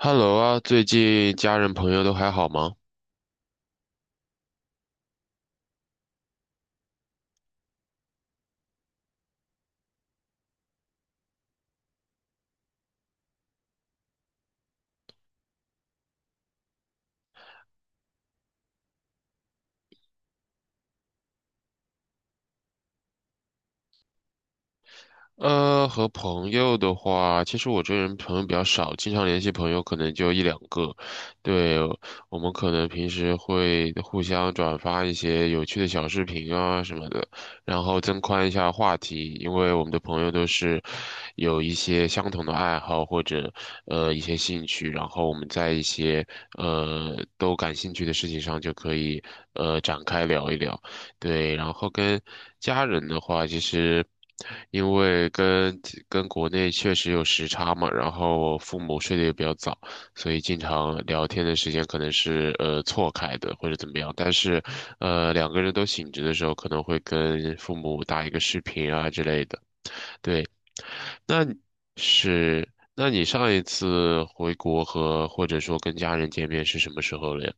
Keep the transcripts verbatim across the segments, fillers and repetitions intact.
Hello 啊，最近家人朋友都还好吗？呃，和朋友的话，其实我这人朋友比较少，经常联系朋友可能就一两个。对，我们可能平时会互相转发一些有趣的小视频啊什么的，然后增宽一下话题，因为我们的朋友都是有一些相同的爱好或者呃一些兴趣，然后我们在一些呃都感兴趣的事情上就可以呃展开聊一聊。对，然后跟家人的话，其实因为跟跟国内确实有时差嘛，然后父母睡得也比较早，所以经常聊天的时间可能是呃错开的或者怎么样。但是呃两个人都醒着的时候，可能会跟父母打一个视频啊之类的。对，那你是那你上一次回国和或者说跟家人见面是什么时候了呀？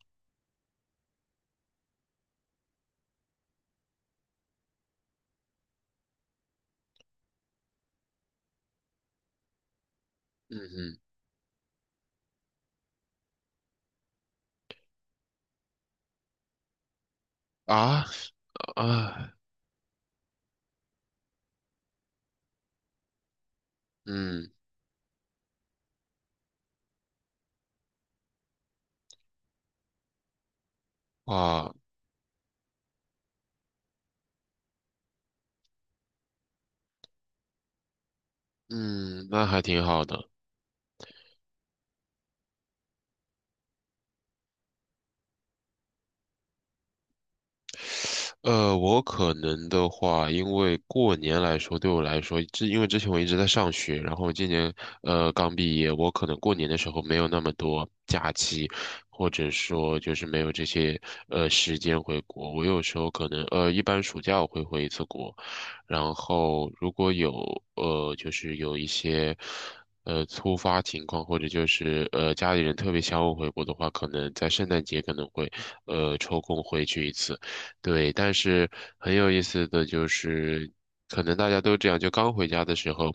嗯嗯。啊。啊。嗯。啊。嗯，那还挺好的。呃，我可能的话，因为过年来说，对我来说，之因为之前我一直在上学，然后今年呃刚毕业，我可能过年的时候没有那么多假期，或者说就是没有这些呃时间回国。我有时候可能呃一般暑假我会回一次国，然后如果有呃就是有一些呃突发情况，或者就是呃家里人特别想我回国的话，可能在圣诞节可能会呃抽空回去一次。对，但是很有意思的就是，可能大家都这样，就刚回家的时候，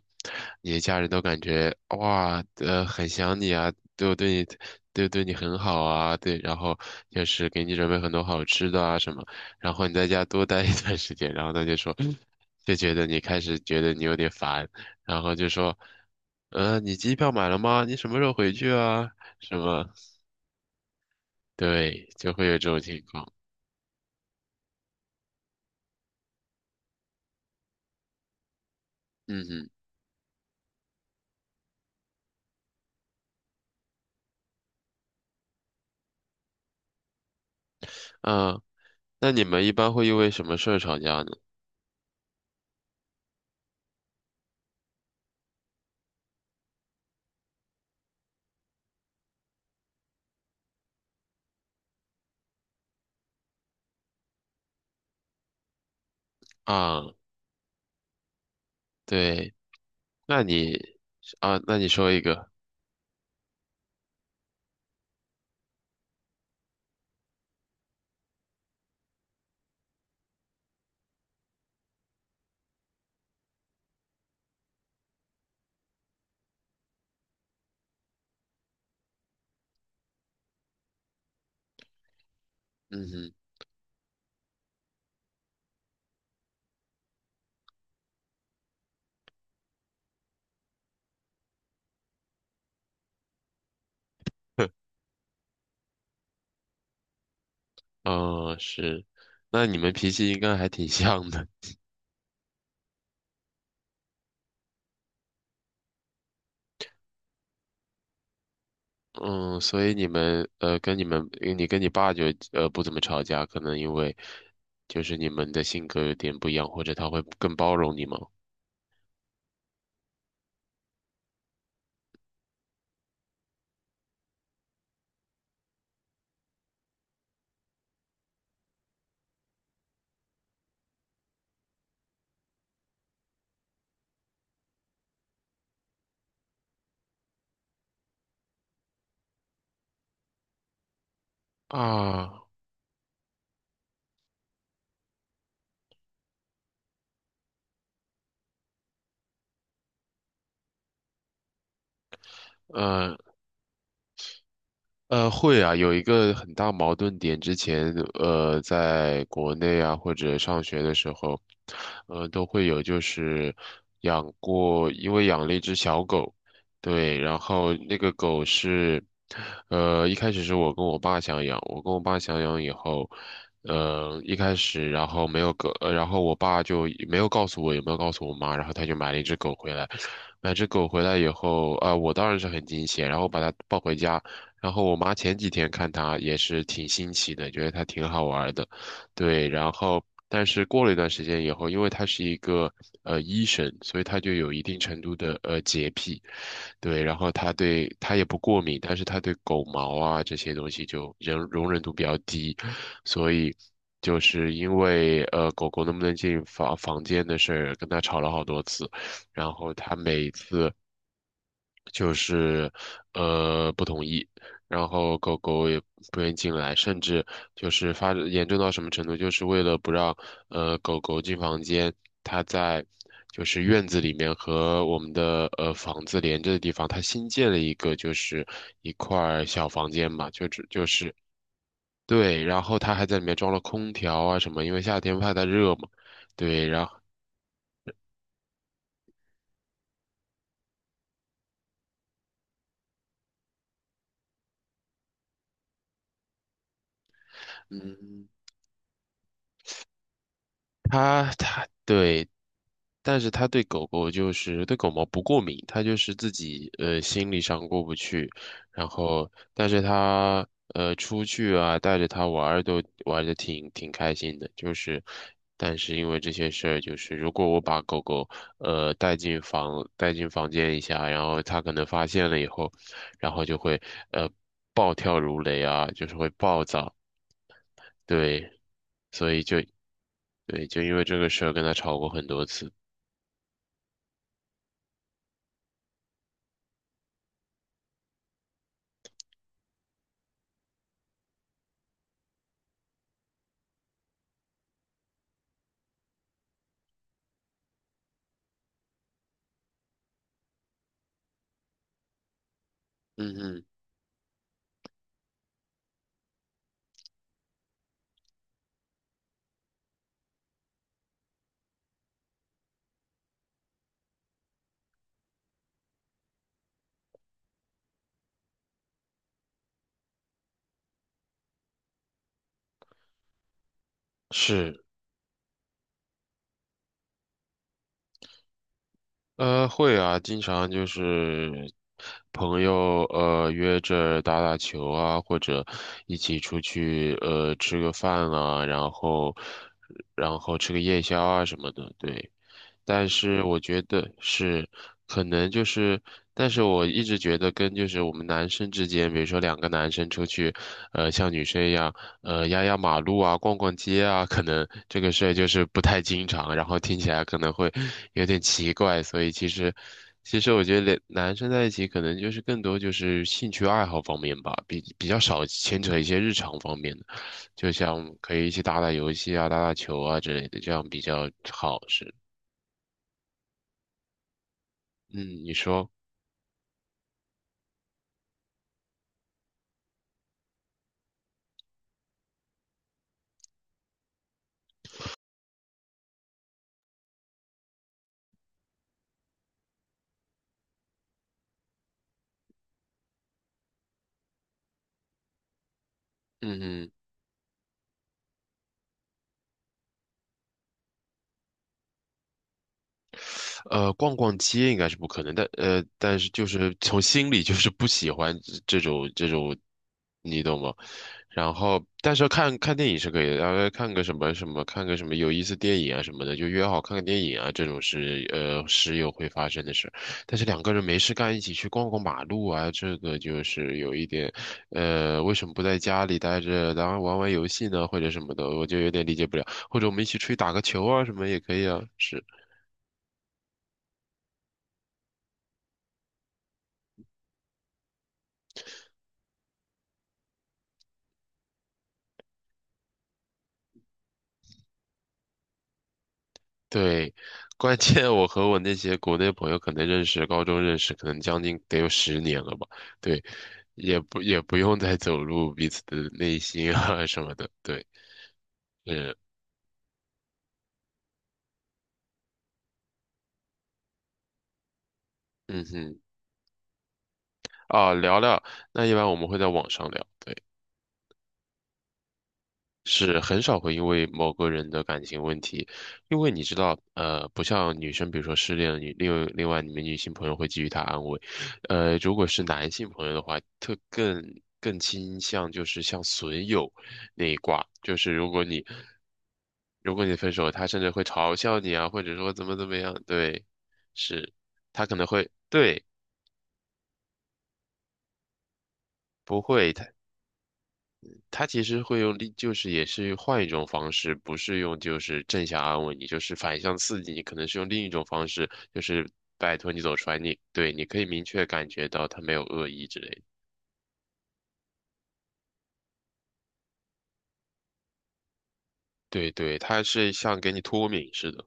你的家人都感觉哇，呃，很想你啊，都对你，都对你很好啊，对，然后就是给你准备很多好吃的啊什么，然后你在家多待一段时间，然后他就说，就觉得你开始觉得你有点烦，然后就说，呃，你机票买了吗？你什么时候回去啊？什么？对，就会有这种情况。嗯嗯。嗯，呃那你们一般会因为什么事儿吵架呢？啊，对，那你啊，那你说一个，嗯哼。嗯，是，那你们脾气应该还挺像的，嗯，所以你们呃，跟你们你跟你爸就呃不怎么吵架，可能因为就是你们的性格有点不一样，或者他会更包容你吗？啊，嗯。呃，会啊，有一个很大矛盾点。之前，呃，在国内啊，或者上学的时候，呃，都会有，就是养过，因为养了一只小狗，对，然后那个狗是，呃，一开始是我跟我爸想养，我跟我爸想养以后，呃，一开始，然后没有狗，呃，然后我爸就没有告诉我，也没有告诉我妈，然后他就买了一只狗回来，买只狗回来以后，啊、我当然是很惊喜，然后把它抱回家。然后我妈前几天看它也是挺新奇的，觉得它挺好玩儿的，对。然后，但是过了一段时间以后，因为它是一个呃医生，所以它就有一定程度的呃洁癖，对。然后它对它也不过敏，但是它对狗毛啊这些东西就容容忍度比较低，所以。就是因为呃，狗狗能不能进房房间的事儿，跟它吵了好多次，然后它每次就是呃不同意，然后狗狗也不愿意进来，甚至就是发展严重到什么程度，就是为了不让呃狗狗进房间，它在就是院子里面和我们的呃房子连着的地方，它新建了一个就是一块儿小房间嘛，就只就是对，然后它还在里面装了空调啊什么，因为夏天怕它热嘛，对，然后嗯，它它对。但是他对狗狗就是对狗毛不过敏，他就是自己呃心理上过不去，然后但是他呃出去啊带着它玩儿都玩的挺挺开心的，就是但是因为这些事儿，就是如果我把狗狗呃带进房带进房间一下，然后它可能发现了以后，然后就会呃暴跳如雷啊，就是会暴躁，对，所以就对就因为这个事儿跟他吵过很多次，嗯嗯。是。呃，会啊，经常就是朋友呃约着打打球啊，或者一起出去呃吃个饭啊，然后然后吃个夜宵啊什么的，对。但是我觉得是，可能就是，但是我一直觉得跟就是我们男生之间，比如说两个男生出去，呃，像女生一样，呃，压压马路啊，逛逛街啊，可能这个事儿就是不太经常，然后听起来可能会有点奇怪，所以其实，其实我觉得两男生在一起可能就是更多就是兴趣爱好方面吧，比比较少牵扯一些日常方面的，就像可以一起打打游戏啊，打打球啊之类的，这样比较好，是。嗯，你说，嗯呃，逛逛街应该是不可能的，但呃，但是就是从心里就是不喜欢这这种这种，你懂吗？然后，但是看看电影是可以的，然后看个什么什么，看个什么有意思电影啊什么的，就约好看个电影啊，这种是呃时有会发生的事。但是两个人没事干，一起去逛逛马路啊，这个就是有一点，呃，为什么不在家里待着，然后玩玩游戏呢，或者什么的，我就有点理解不了。或者我们一起出去打个球啊，什么也可以啊，是。对，关键我和我那些国内朋友可能认识，高中认识，可能将近得有十年了吧。对，也不也不用再走入彼此的内心啊什么的。对，嗯嗯哼，啊，聊聊，那一般我们会在网上聊。对。是很少会因为某个人的感情问题，因为你知道，呃，不像女生，比如说失恋了，女另另外你们女性朋友会给予她安慰，呃，如果是男性朋友的话，特更更倾向就是像损友那一挂，就是如果你如果你分手，他甚至会嘲笑你啊，或者说怎么怎么样，对，是，他可能会对，不会，他其实会用力，就是也是换一种方式，不是用就是正向安慰你，就是反向刺激你，可能是用另一种方式，就是拜托你走出来，你对，你可以明确感觉到他没有恶意之类的。对对，他是像给你脱敏似的。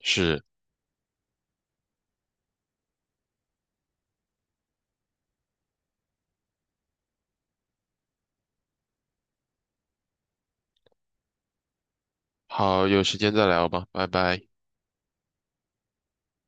是，好，有时间再聊吧，拜拜。